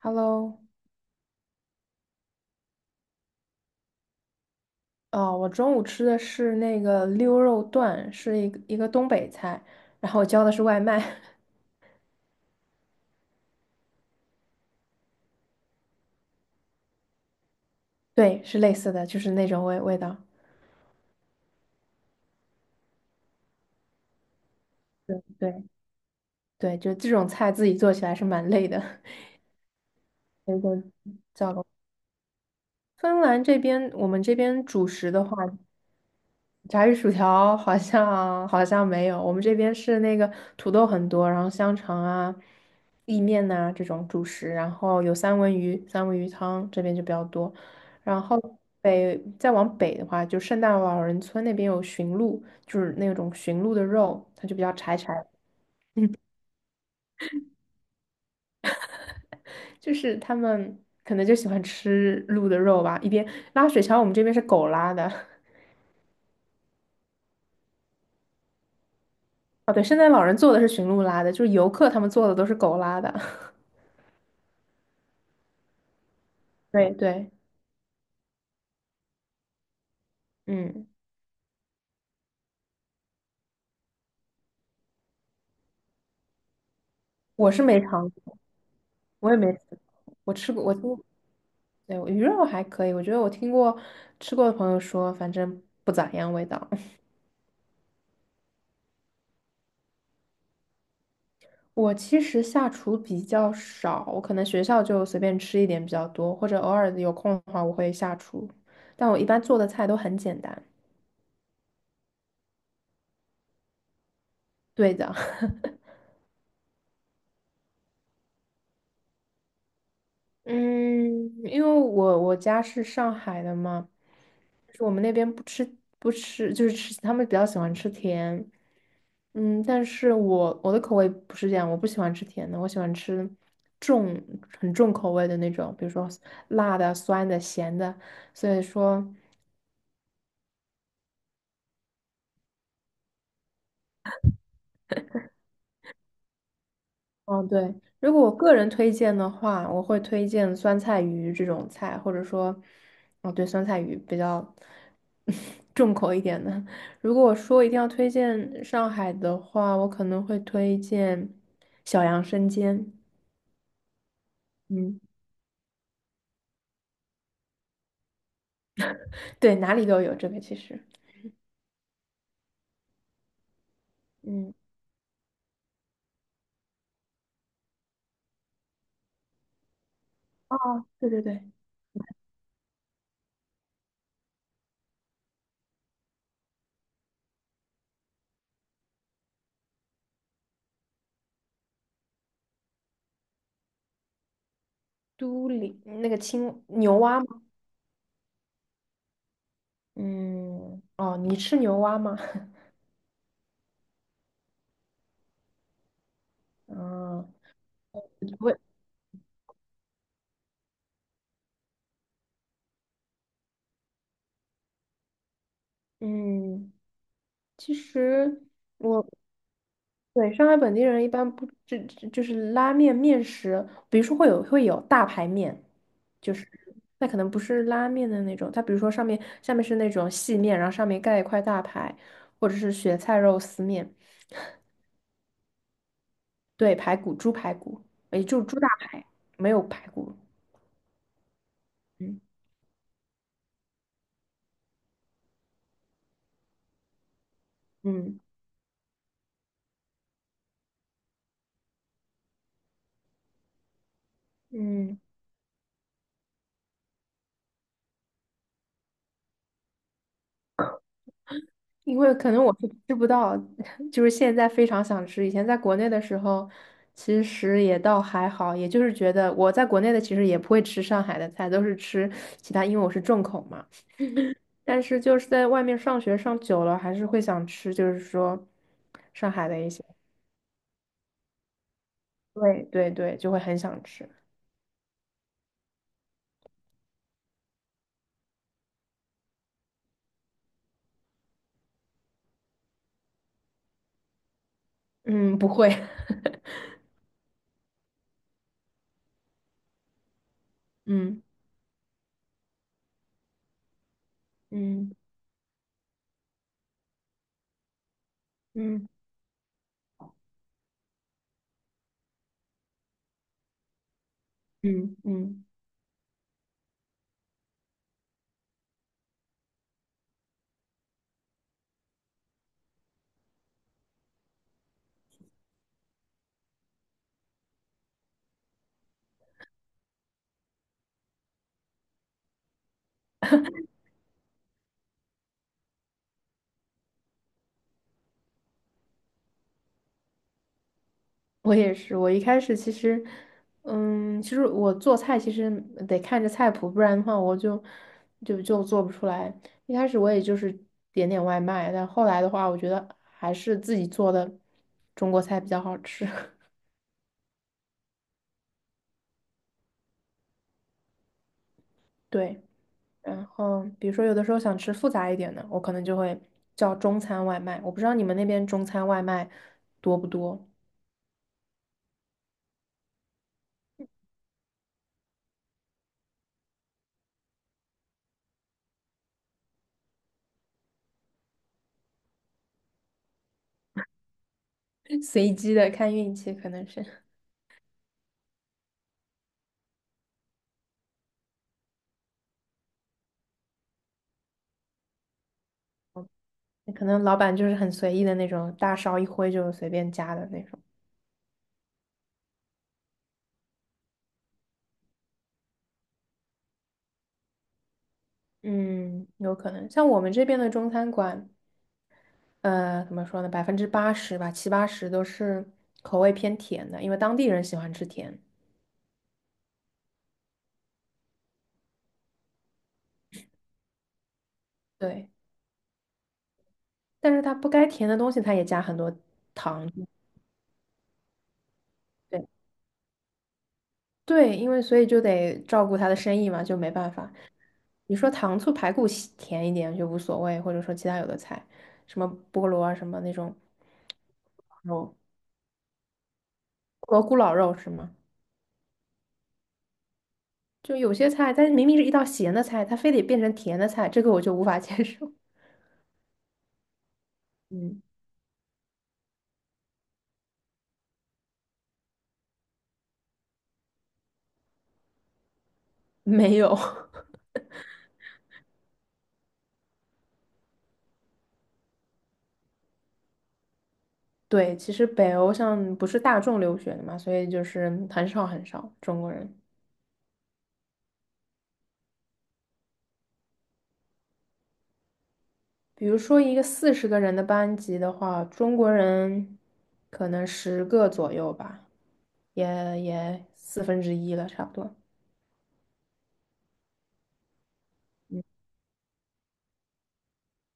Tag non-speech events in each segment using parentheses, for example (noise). Hello，哦，我中午吃的是那个溜肉段，是一个东北菜，然后我叫的是外卖，(laughs) 对，是类似的，就是那种味道。对对，就这种菜自己做起来是蛮累的。(laughs) 那个芬兰这边，我们这边主食的话。炸鱼薯条好像 (laughs) 好像没有，我们这边是那个土豆很多，然后香肠啊、意面呐、这种主食，然后有三文鱼、三文鱼汤这边就比较多。然后再往北的话，就圣诞老人村那边有驯鹿，就是那种驯鹿的肉，它就比较柴柴，(laughs) 就是他们可能就喜欢吃鹿的肉吧。一边拉雪橇，我们这边是狗拉的。(laughs) 哦，对，圣诞老人做的是驯鹿拉的，就是游客他们做的都是狗拉的。(laughs) 对对。嗯，我是没尝过，我也没吃过，我吃过，我听过，对，鱼肉还可以，我觉得我听过吃过的朋友说，反正不咋样味道。(laughs) 我其实下厨比较少，我可能学校就随便吃一点比较多，或者偶尔有空的话我会下厨，但我一般做的菜都很简单。对的，(laughs) 嗯，因为我家是上海的嘛，就是我们那边不吃不吃，就是吃他们比较喜欢吃甜。嗯，但是我的口味不是这样，我不喜欢吃甜的，我喜欢吃重很重口味的那种，比如说辣的、酸的、咸的。所以说，嗯，对，如果我个人推荐的话，我会推荐酸菜鱼这种菜，或者说，哦，对，酸菜鱼比较 (laughs) 重口一点的。如果我说一定要推荐上海的话，我可能会推荐小杨生煎。嗯，对，哪里都有这个其实。嗯，哦，对对对，都里那个青牛蛙吗？嗯，哦，你吃牛蛙吗？(laughs) 嗯，我，嗯，其实。我。对，上海本地人一般不，这就是拉面面食，比如说会有大排面，就是那可能不是拉面的那种，它比如说上面下面是那种细面，然后上面盖一块大排，或者是雪菜肉丝面，对，排骨、猪排骨，也就猪大排，没有排骨，嗯嗯。嗯因为可能我是吃不到，(laughs) 就是现在非常想吃。以前在国内的时候，其实也倒还好，也就是觉得我在国内的其实也不会吃上海的菜，都是吃其他，因为我是重口嘛。但是就是在外面上学上久了，还是会想吃，就是说上海的一些，对对对，就会很想吃。嗯，不会，(laughs) 嗯嗯嗯嗯嗯。我也是，我一开始其实，嗯，其实我做菜其实得看着菜谱，不然的话我就做不出来。一开始我也就是点点外卖，但后来的话，我觉得还是自己做的中国菜比较好吃。(laughs) 对，然后比如说有的时候想吃复杂一点的，我可能就会叫中餐外卖。我不知道你们那边中餐外卖多不多，(laughs) 随机的看运气，可能是，(laughs) 可能老板就是很随意的那种，大勺一挥就随便加的那种。嗯，有可能。像我们这边的中餐馆，怎么说呢？80%吧，七八十都是口味偏甜的，因为当地人喜欢吃甜。对，但是它不该甜的东西，它也加很多糖。对对，因为所以就得照顾他的生意嘛，就没办法。你说糖醋排骨喜甜一点就无所谓，或者说其他有的菜，什么菠萝啊，什么那种肉，蘑菇老肉是吗？就有些菜，它明明是一道咸的菜，它非得变成甜的菜，这个我就无法 (laughs) 接受。嗯，(laughs) 没有。(laughs) 对，其实北欧像不是大众留学的嘛，所以就是很少很少中国人。比如说一个40个人的班级的话，中国人可能10个左右吧，也也四分之一了，差不多。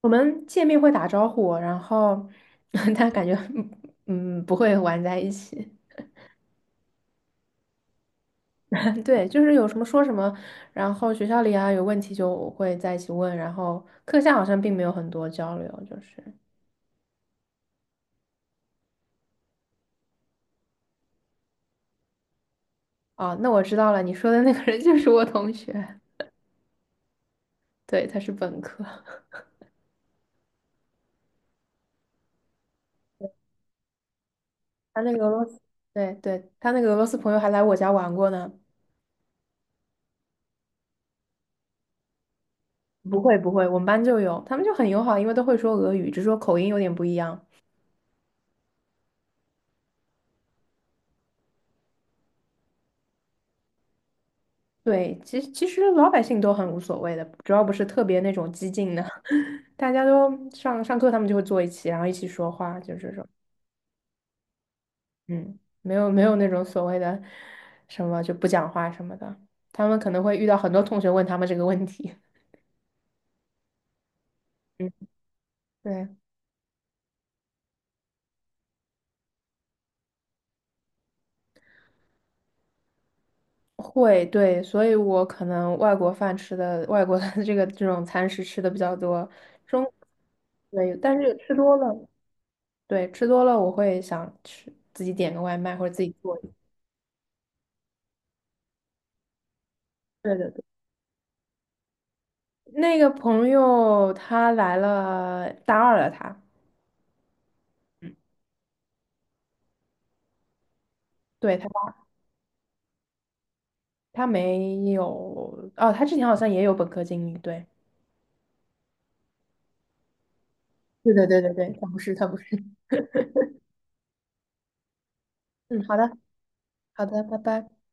我们见面会打招呼，然后 (laughs) 但感觉不会玩在一起。(laughs) 对，就是有什么说什么，然后学校里啊有问题就会在一起问，然后课下好像并没有很多交流，就是。哦，那我知道了，你说的那个人就是我同学，对，他是本科，他那个俄罗斯，对对，他那个俄罗斯朋友还来我家玩过呢。不会不会，我们班就有，他们就很友好，因为都会说俄语，只是说口音有点不一样。对，其实其实老百姓都很无所谓的，主要不是特别那种激进的，(laughs) 大家都上课，他们就会坐一起，然后一起说话，就是这种，嗯，没有没有那种所谓的什么就不讲话什么的，他们可能会遇到很多同学问他们这个问题。(laughs) 嗯。对，会，对，所以我可能外国饭吃的，外国的 (laughs) 这种餐食吃的比较多，中，对，但是吃多了，对，吃多了我会想吃自己点个外卖或者自己做一个对对对，那个朋友他来了大二了他，对他没有，哦，他之前好像也有本科经历，对，对对对对对，他不是他不是，嗯，好的好的，拜拜。